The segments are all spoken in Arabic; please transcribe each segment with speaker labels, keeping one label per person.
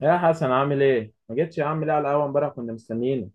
Speaker 1: يا حسن، عامل ايه؟ ما جيتش يا عم ليه على القهوه امبارح؟ كنا مستنيينك.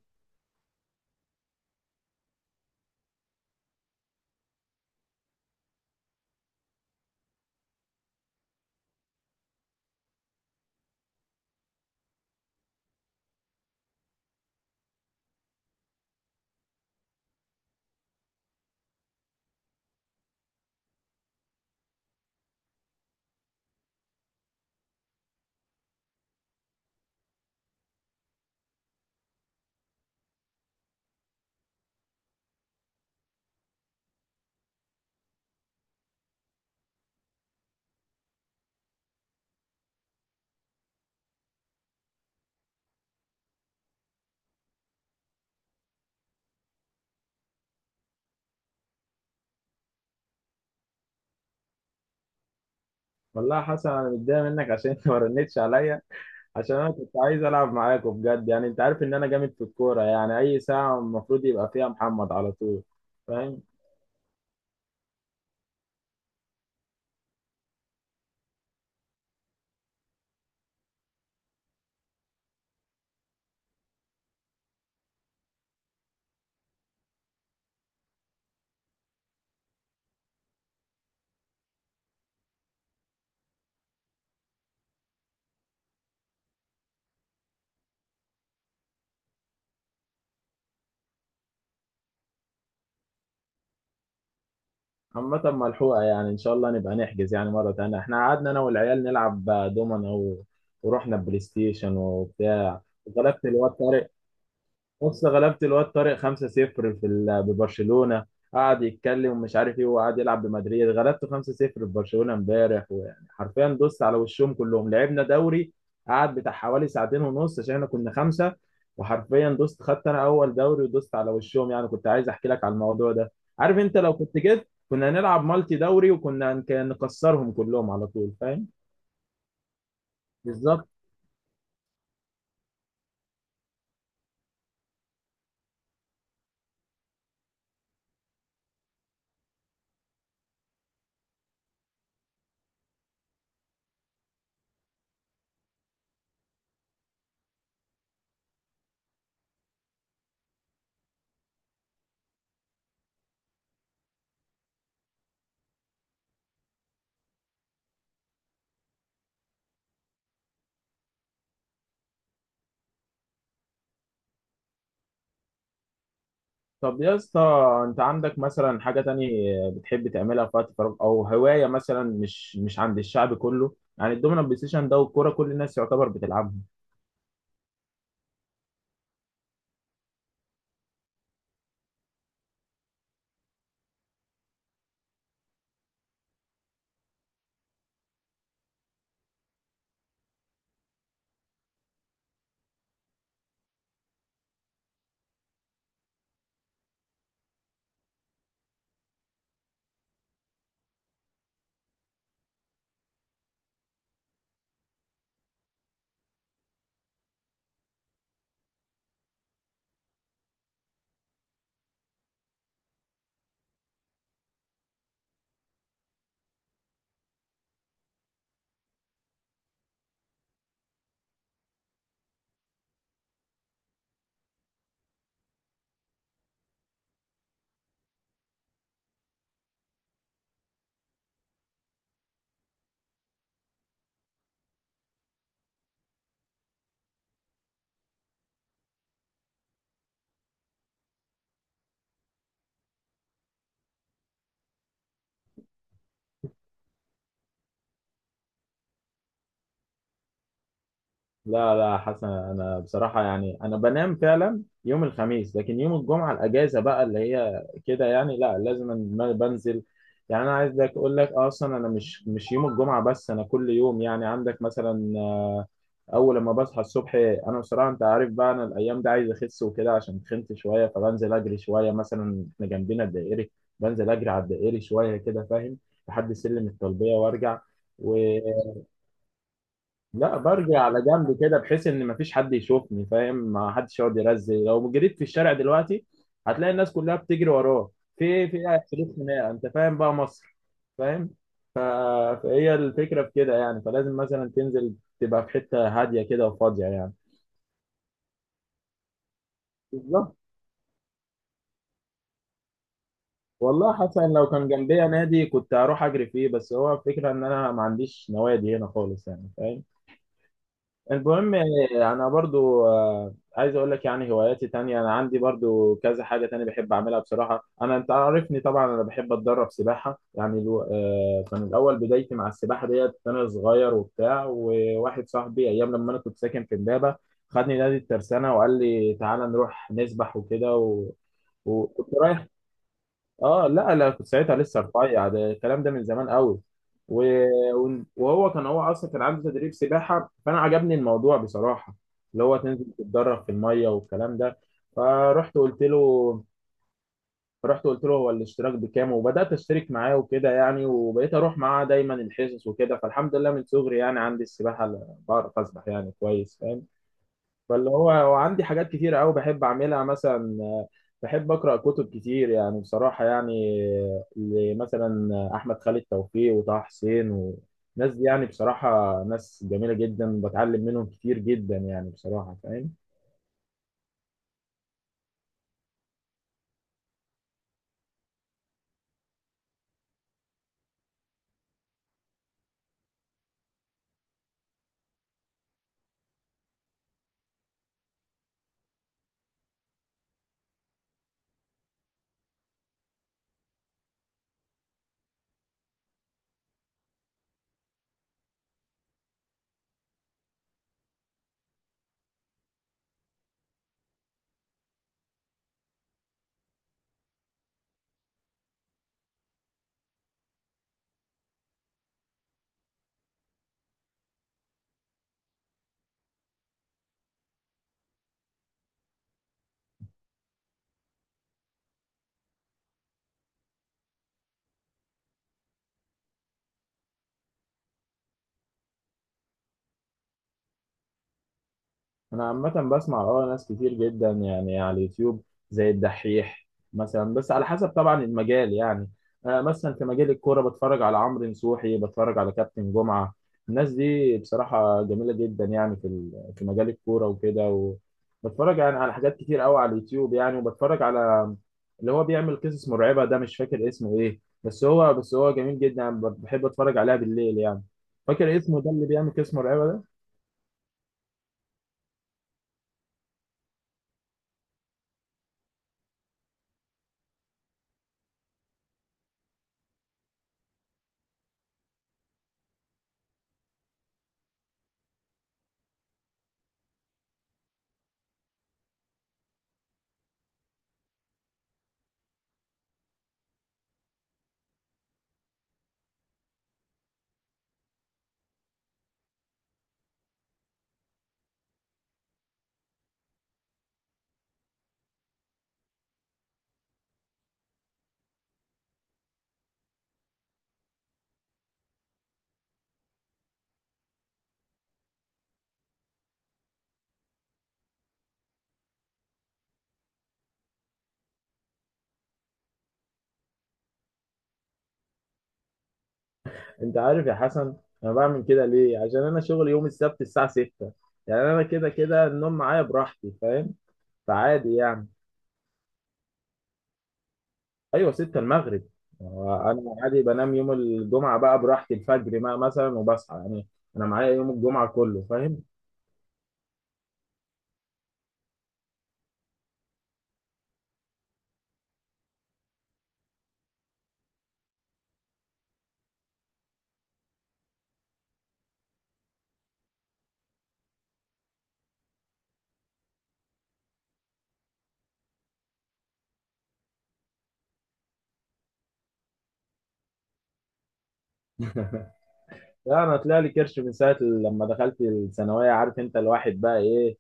Speaker 1: والله يا حسن انا متضايق منك عشان انت ما رنتش عليا. عشان انا كنت عايز العب معاكوا بجد، يعني انت عارف ان انا جامد في الكوره، يعني اي ساعه المفروض يبقى فيها محمد على طول. فاهم؟ عامة ملحوقه، يعني ان شاء الله نبقى نحجز يعني مره تانية. احنا قعدنا انا والعيال نلعب دومنا ورحنا بلاي ستيشن وبتاع، وغلبت الواد طارق. بص، غلبت الواد طارق 5-0 في ببرشلونة. قعد يتكلم ومش عارف ايه، وقعد يلعب بمدريد، غلبته 5-0 في برشلونة امبارح. ويعني حرفيا دوست على وشهم كلهم، لعبنا دوري قعد بتاع حوالي ساعتين ونص عشان احنا كنا خمسة. وحرفيا دوست، خدت انا اول دوري ودوست على وشهم. يعني كنت عايز احكي لك على الموضوع ده. عارف انت لو كنت جيت كنا هنلعب مالتي دوري، وكنا كان نكسرهم كلهم على طول. فاهم؟ بالظبط. طب يا اسطى، انت عندك مثلا حاجة تانية بتحب تعملها في وقت فراغ، او هواية مثلا مش عند الشعب كله؟ يعني الدومينو بلاي ستيشن ده والكورة كل الناس يعتبر بتلعبها. لا لا حسن، انا بصراحة يعني انا بنام فعلا يوم الخميس، لكن يوم الجمعة الاجازة بقى اللي هي كده، يعني لا، لازم بنزل. يعني انا عايز لك اقول لك اصلا انا مش يوم الجمعة بس، انا كل يوم. يعني عندك مثلا اول لما بصحى الصبح، انا بصراحه انت عارف بقى انا الايام دي عايز اخس وكده عشان خنت شويه، فبنزل اجري شويه. مثلا احنا جنبنا الدائري، بنزل اجري على الدائري شويه كده. فاهم؟ لحد سلم الطلبيه وارجع. ولا برجع على جنب كده بحيث ان مفيش حد يشوفني. فاهم؟ ما حدش يقعد يرزق. لو جريت في الشارع دلوقتي هتلاقي الناس كلها بتجري وراه. في إيه؟ في حدود خناقه. انت فاهم بقى مصر؟ فاهم؟ ف- فهي الفكره في كده يعني، فلازم مثلا تنزل تبقى في حته هاديه كده وفاضيه يعني. بالظبط. والله حتى إن لو كان جنبيا نادي كنت هروح اجري فيه، بس هو الفكره ان انا ما عنديش نوادي هنا خالص، يعني فاهم؟ المهم انا برضو عايز اقول لك يعني هواياتي تانية. انا عندي برضو كذا حاجه تانية بحب اعملها بصراحه. انا انت عارفني طبعا، انا بحب اتدرب سباحه. يعني الو... آه، كان الاول بدايتي مع السباحه ديت انا صغير وبتاع، وواحد صاحبي ايام لما انا كنت ساكن في امبابه خدني نادي الترسانه وقال لي تعالى نروح نسبح وكده وكنت رايح. اه لا لا، كنت ساعتها لسه رفيع، ده الكلام ده من زمان قوي. و... وهو كان هو اصلا كان عنده تدريب سباحه، فانا عجبني الموضوع بصراحه. اللي هو تنزل تتدرب في الميه والكلام ده. فرحت قلت له رحت قلت له هو الاشتراك بكام، وبدات اشترك معاه وكده يعني، وبقيت اروح معاه دايما الحصص وكده. فالحمد لله من صغري يعني عندي السباحه بعرف اسبح يعني كويس. فاهم؟ فاللي هو هو عندي حاجات كتير قوي بحب اعملها. مثلا بحب اقرا كتب كتير يعني بصراحه يعني. مثلا احمد خالد توفيق وطه حسين والناس دي، يعني بصراحه ناس جميله جدا، بتعلم منهم كتير جدا يعني بصراحه. فاهم؟ انا عامه بسمع اه ناس كتير جدا يعني على اليوتيوب، زي الدحيح مثلا. بس على حسب طبعا المجال يعني. آه، مثلا في مجال الكوره بتفرج على عمرو نصوحي، بتفرج على كابتن جمعه. الناس دي بصراحه جميله جدا يعني في في مجال الكوره وكده. وبتفرج يعني على حاجات كتير قوي على اليوتيوب يعني. وبتفرج على اللي هو بيعمل قصص مرعبه ده، مش فاكر اسمه ايه، بس هو جميل جدا يعني، بحب اتفرج عليها بالليل يعني. فاكر اسمه ده اللي بيعمل قصص مرعبه ده؟ انت عارف يا حسن، انا بعمل كده ليه؟ عشان انا شغلي يوم السبت الساعه 6. يعني انا كده كده النوم معايا براحتي. فاهم؟ فعادي يعني. ايوه، 6 المغرب. انا عادي بنام يوم الجمعه بقى براحتي الفجر بقى مثلا، وبصحى يعني. انا معايا يوم الجمعه كله. فاهم؟ لا انا طلع لي كرش من ساعه لما دخلت الثانويه، عارف انت الواحد بقى ايه.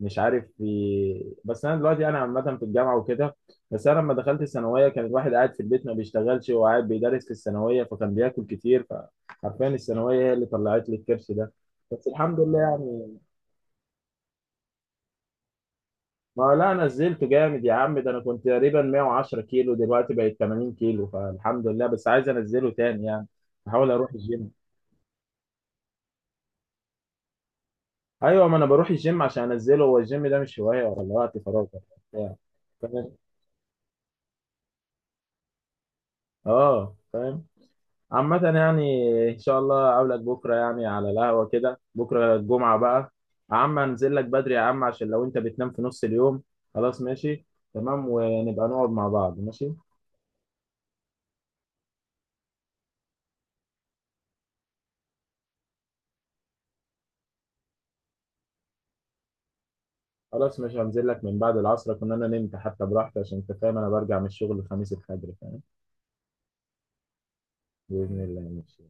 Speaker 1: مش عارف في، بس انا دلوقتي انا عامه في الجامعه وكده. بس انا لما دخلت الثانويه كان الواحد قاعد في البيت ما بيشتغلش، هو قاعد بيدرس في الثانويه، فكان بياكل كتير. فحرفيا الثانويه هي اللي طلعت لي الكرش ده. بس الحمد لله يعني. ما هو لا، أنا نزلت جامد يا عم. ده انا كنت تقريبا 110 كيلو، دلوقتي بقيت 80 كيلو. فالحمد لله، بس عايز انزله تاني يعني. بحاول اروح الجيم. ايوه، ما انا بروح الجيم عشان انزله. هو الجيم ده مش هوايه ولا وقت فراغ ولا بتاع. فاهم؟ اه فاهم. عامة يعني إن شاء الله أقابلك بكرة يعني على القهوة كده، بكرة الجمعة بقى. يا عم، أنزل لك بدري يا عم عشان لو أنت بتنام في نص اليوم. خلاص ماشي. تمام، ونبقى نقعد مع بعض. ماشي. خلاص ماشي، هنزل لك من بعد العصر كنا أنا نمت حتى براحتي، عشان أنت فاهم أنا برجع من الشغل الخميس الفجر. فاهم؟ بإذن الله ماشي.